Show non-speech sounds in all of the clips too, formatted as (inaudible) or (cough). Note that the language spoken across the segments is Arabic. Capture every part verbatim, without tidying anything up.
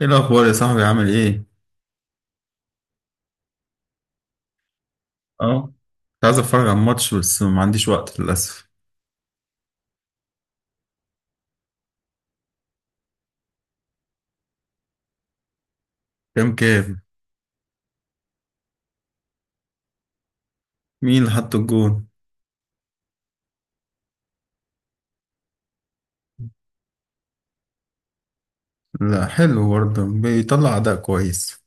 ايه الاخبار يا صاحبي، عامل ايه؟ اه، كنت عايز اتفرج على الماتش، بس ما عنديش وقت للاسف. كام كام؟ مين اللي حط الجون؟ لا، حلو برضه، بيطلع اداء كويس.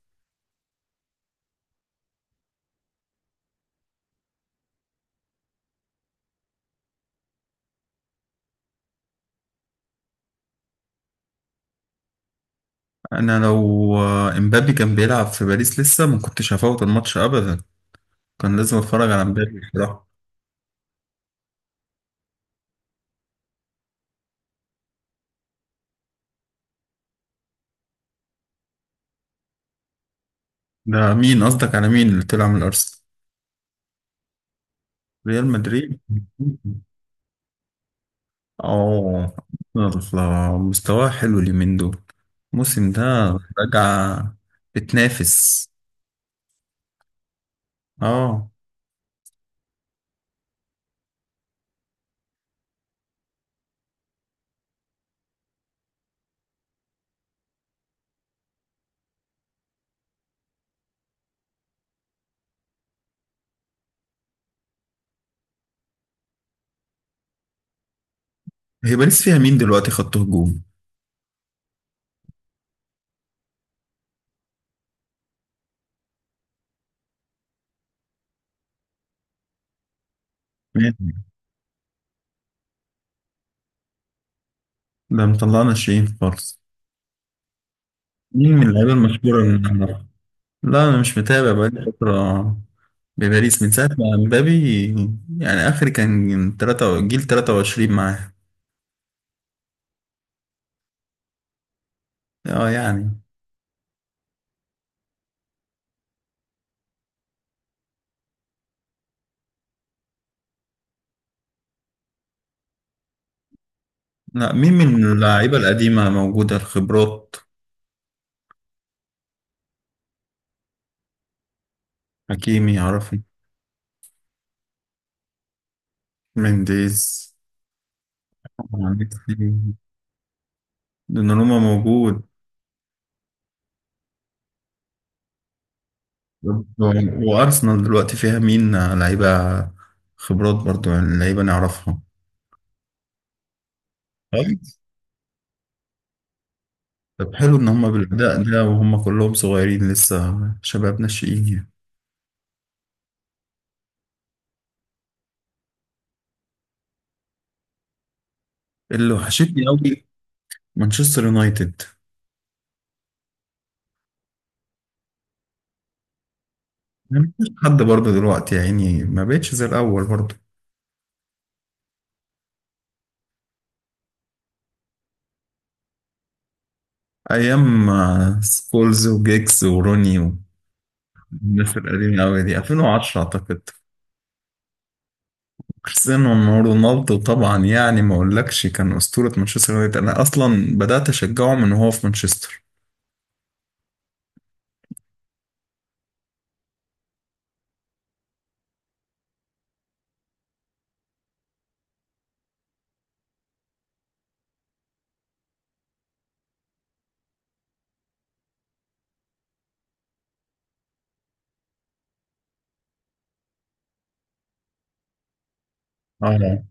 انا لو آه، امبابي كان بيلعب في باريس لسه ما كنتش هفوت الماتش ابدا. كان لازم اتفرج على امبابي بصراحه. ده مين قصدك؟ على مين اللي طلع من الارسنال؟ ريال مدريد. اه، يلا، مستواه حلو اليومين دول، الموسم ده رجع، بتنافس. اه. هي باريس فيها مين دلوقتي، خط هجوم؟ مين؟ ده مطلعنا شيء خالص. مين من اللعيبة المشهورة اللي نعرفها؟ لا، أنا مش متابع بقالي فترة بباريس من ساعة ما مبابي، يعني آخر كان تلاتة، جيل ثلاثة وعشرين معاه. اه يعني. لا، مين من اللعيبة القديمة موجودة، الخبرات؟ حكيمي عرفي. منديز. دوناروما موجود. وأرسنال دلوقتي فيها مين لعيبة؟ خبرات برضو، يعني لعيبة نعرفها. طب حلو ان هم بالاداء ده وهم كلهم صغيرين لسه، شباب ناشئين يعني. اللي وحشتني قوي مانشستر يونايتد. ما فيش حد برضه دلوقتي يا عيني، ما بقتش زي الاول برضه. ايام آه، سكولز وجيكس وروني، والناس القديمه قوي دي ألفين وعشرة اعتقد. كريستيانو رونالدو طبعا، يعني ما اقولكش كان اسطوره مانشستر يونايتد. انا اصلا بدات اشجعه من وهو في مانشستر. اه.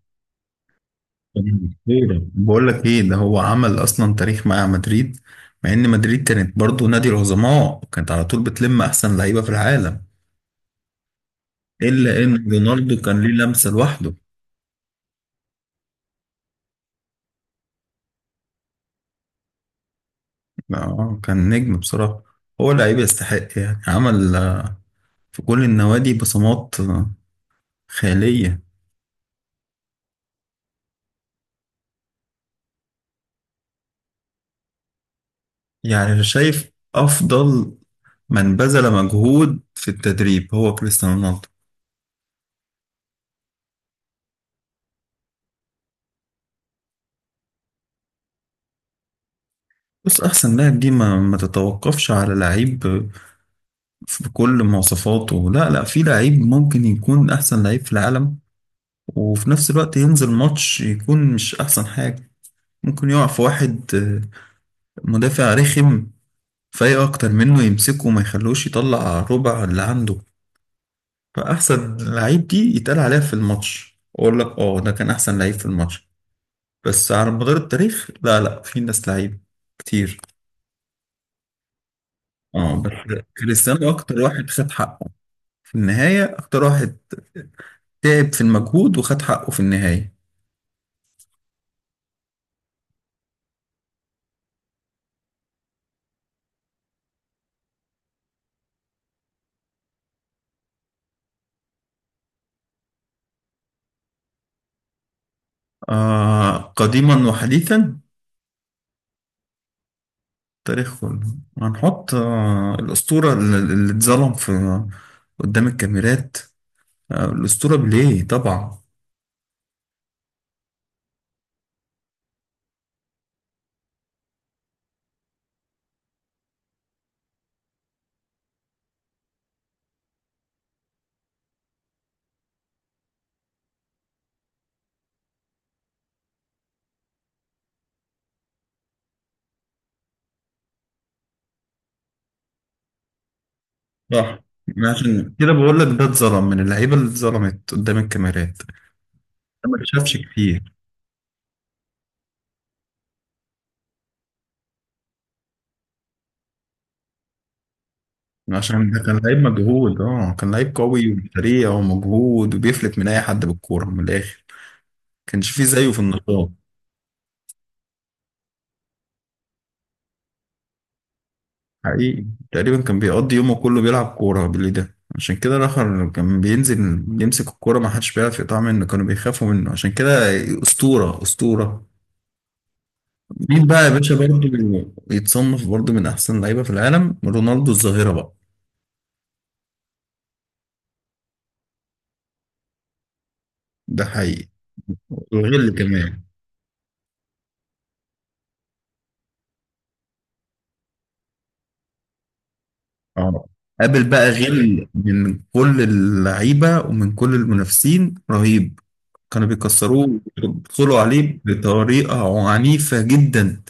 خير. بقول لك ايه، ده هو عمل اصلا تاريخ مع مدريد. مع ان مدريد كانت برضو نادي العظماء، كانت على طول بتلم احسن لعيبه في العالم. الا ان رونالدو كان ليه لمسه لوحده. اه، كان نجم بصراحه. هو لعيب يستحق، يعني عمل آه، في كل النوادي بصمات آه، خياليه. يعني شايف افضل من بذل مجهود في التدريب هو كريستيانو رونالدو. بس احسن لاعب دي ما, ما تتوقفش على لعيب بكل مواصفاته. لا لا، في لعيب ممكن يكون احسن لعيب في العالم وفي نفس الوقت ينزل ماتش يكون مش احسن حاجة. ممكن يقع في واحد آه، مدافع رخم فايق اكتر منه، يمسكه وما يخلوش يطلع ربع اللي عنده. فاحسن لعيب دي يتقال عليها في الماتش، اقول لك اه ده كان احسن لعيب في الماتش. بس على مدار التاريخ لا لا، في ناس لعيب كتير. اه، بس كريستيانو اكتر واحد خد حقه في النهاية، اكتر واحد تعب في المجهود وخد حقه في النهاية. آه، قديما وحديثا، تاريخ كله. هنحط آه الأسطورة اللي اللي اتظلم في قدام الكاميرات، آه الأسطورة بليه طبعا. صح، عشان كده بقول لك ده اتظلم من اللعيبة اللي اتظلمت قدام الكاميرات، ده ما اتشافش كتير. عشان ده كان لعيب مجهود، اه كان لعيب قوي وسريع ومجهود، وبيفلت من أي حد بالكورة من الآخر. كانش فيه زيه في النقاط. حقيقي، تقريبا كان بيقضي يومه كله بيلعب كورة باللي ده، عشان كده الآخر كان بينزل يمسك الكورة ما حدش بيعرف يقطعها منه، كانوا بيخافوا منه، عشان كده أسطورة أسطورة. مين بقى يا باشا برضه يتصنف برضه من أحسن لعيبة في العالم؟ رونالدو الظاهرة بقى. ده حقيقي، وغل كمان. اه، قابل بقى غل من كل اللعيبة ومن كل المنافسين، رهيب. كانوا بيكسروه، بيدخلوا عليه بطريقة عنيفة جدا.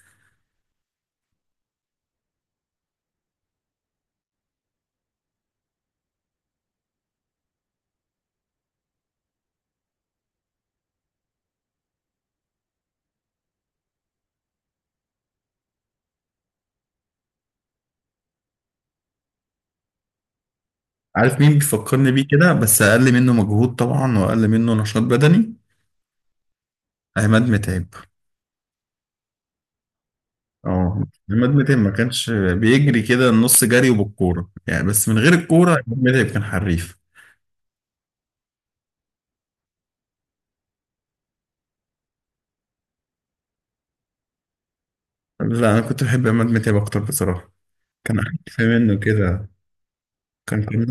عارف مين بيفكرني بيه كده، بس اقل منه مجهود طبعا واقل منه نشاط بدني؟ عماد متعب. اه، عماد متعب ما كانش بيجري كده النص جري وبالكوره يعني، بس من غير الكوره عماد متعب كان حريف. لا، انا كنت بحب عماد متعب اكتر بصراحه. كان عارف منه كده. كان كان.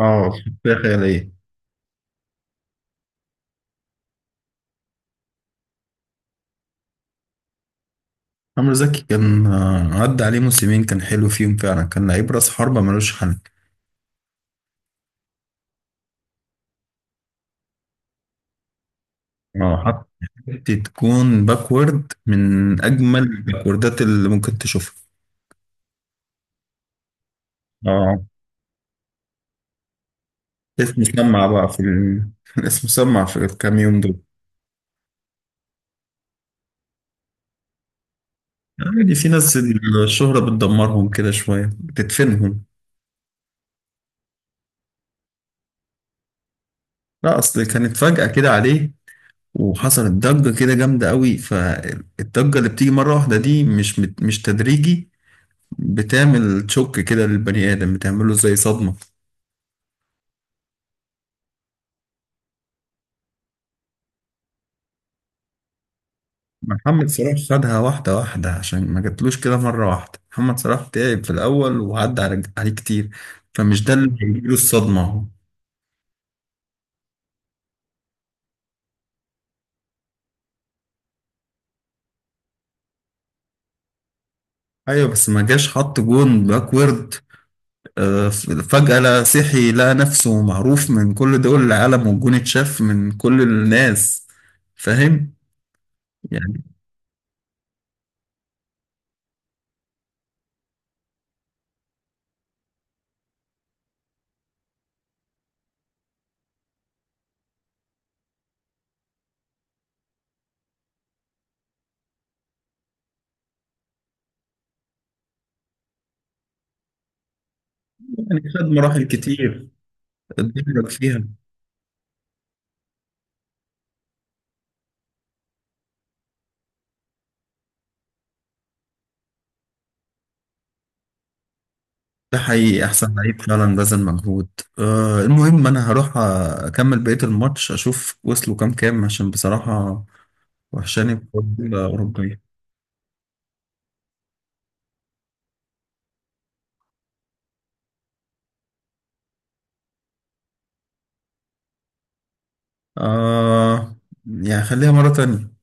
اه، شخصية خيالية. عمرو زكي كان آه، عدى عليه موسمين كان حلو فيهم فعلا، كان لعيب راس حربة ملوش حل. اه، حتى تكون باكورد من أجمل الباكوردات اللي ممكن تشوفها. اه، اسم مسمع بقى في ال... (laughs) اسم مسمع في الكام يوم دول. عادي، في ناس الشهرة بتدمرهم كده شوية، بتدفنهم. لا، أصل كانت فجأة كده عليه، وحصلت ضجة كده جامدة قوي. فالضجة اللي بتيجي مرة واحدة دي مش مت... مش تدريجي، بتعمل شوك كده للبني آدم، بتعمله زي صدمة. محمد صلاح خدها واحدة واحدة عشان ما جاتلوش كده مرة واحدة، محمد صلاح تعب في الأول وعدى على- عليه كتير، فمش ده اللي هيجيله الصدمة. ايوه، بس ما جاش حط جون باكورد آه، فجأة لا صحي لقى نفسه معروف من كل دول العالم والجون اتشاف من كل الناس، فاهم يعني. يعني خد مراحل كتير اتدرج فيها. ده حقيقي احسن لعيب فعلا بذل مجهود. آه، المهم انا هروح اكمل بقية الماتش اشوف وصلوا كام كام، عشان بصراحة وحشاني بطولة أوروبية. آه يعني، خليها مرة تانية.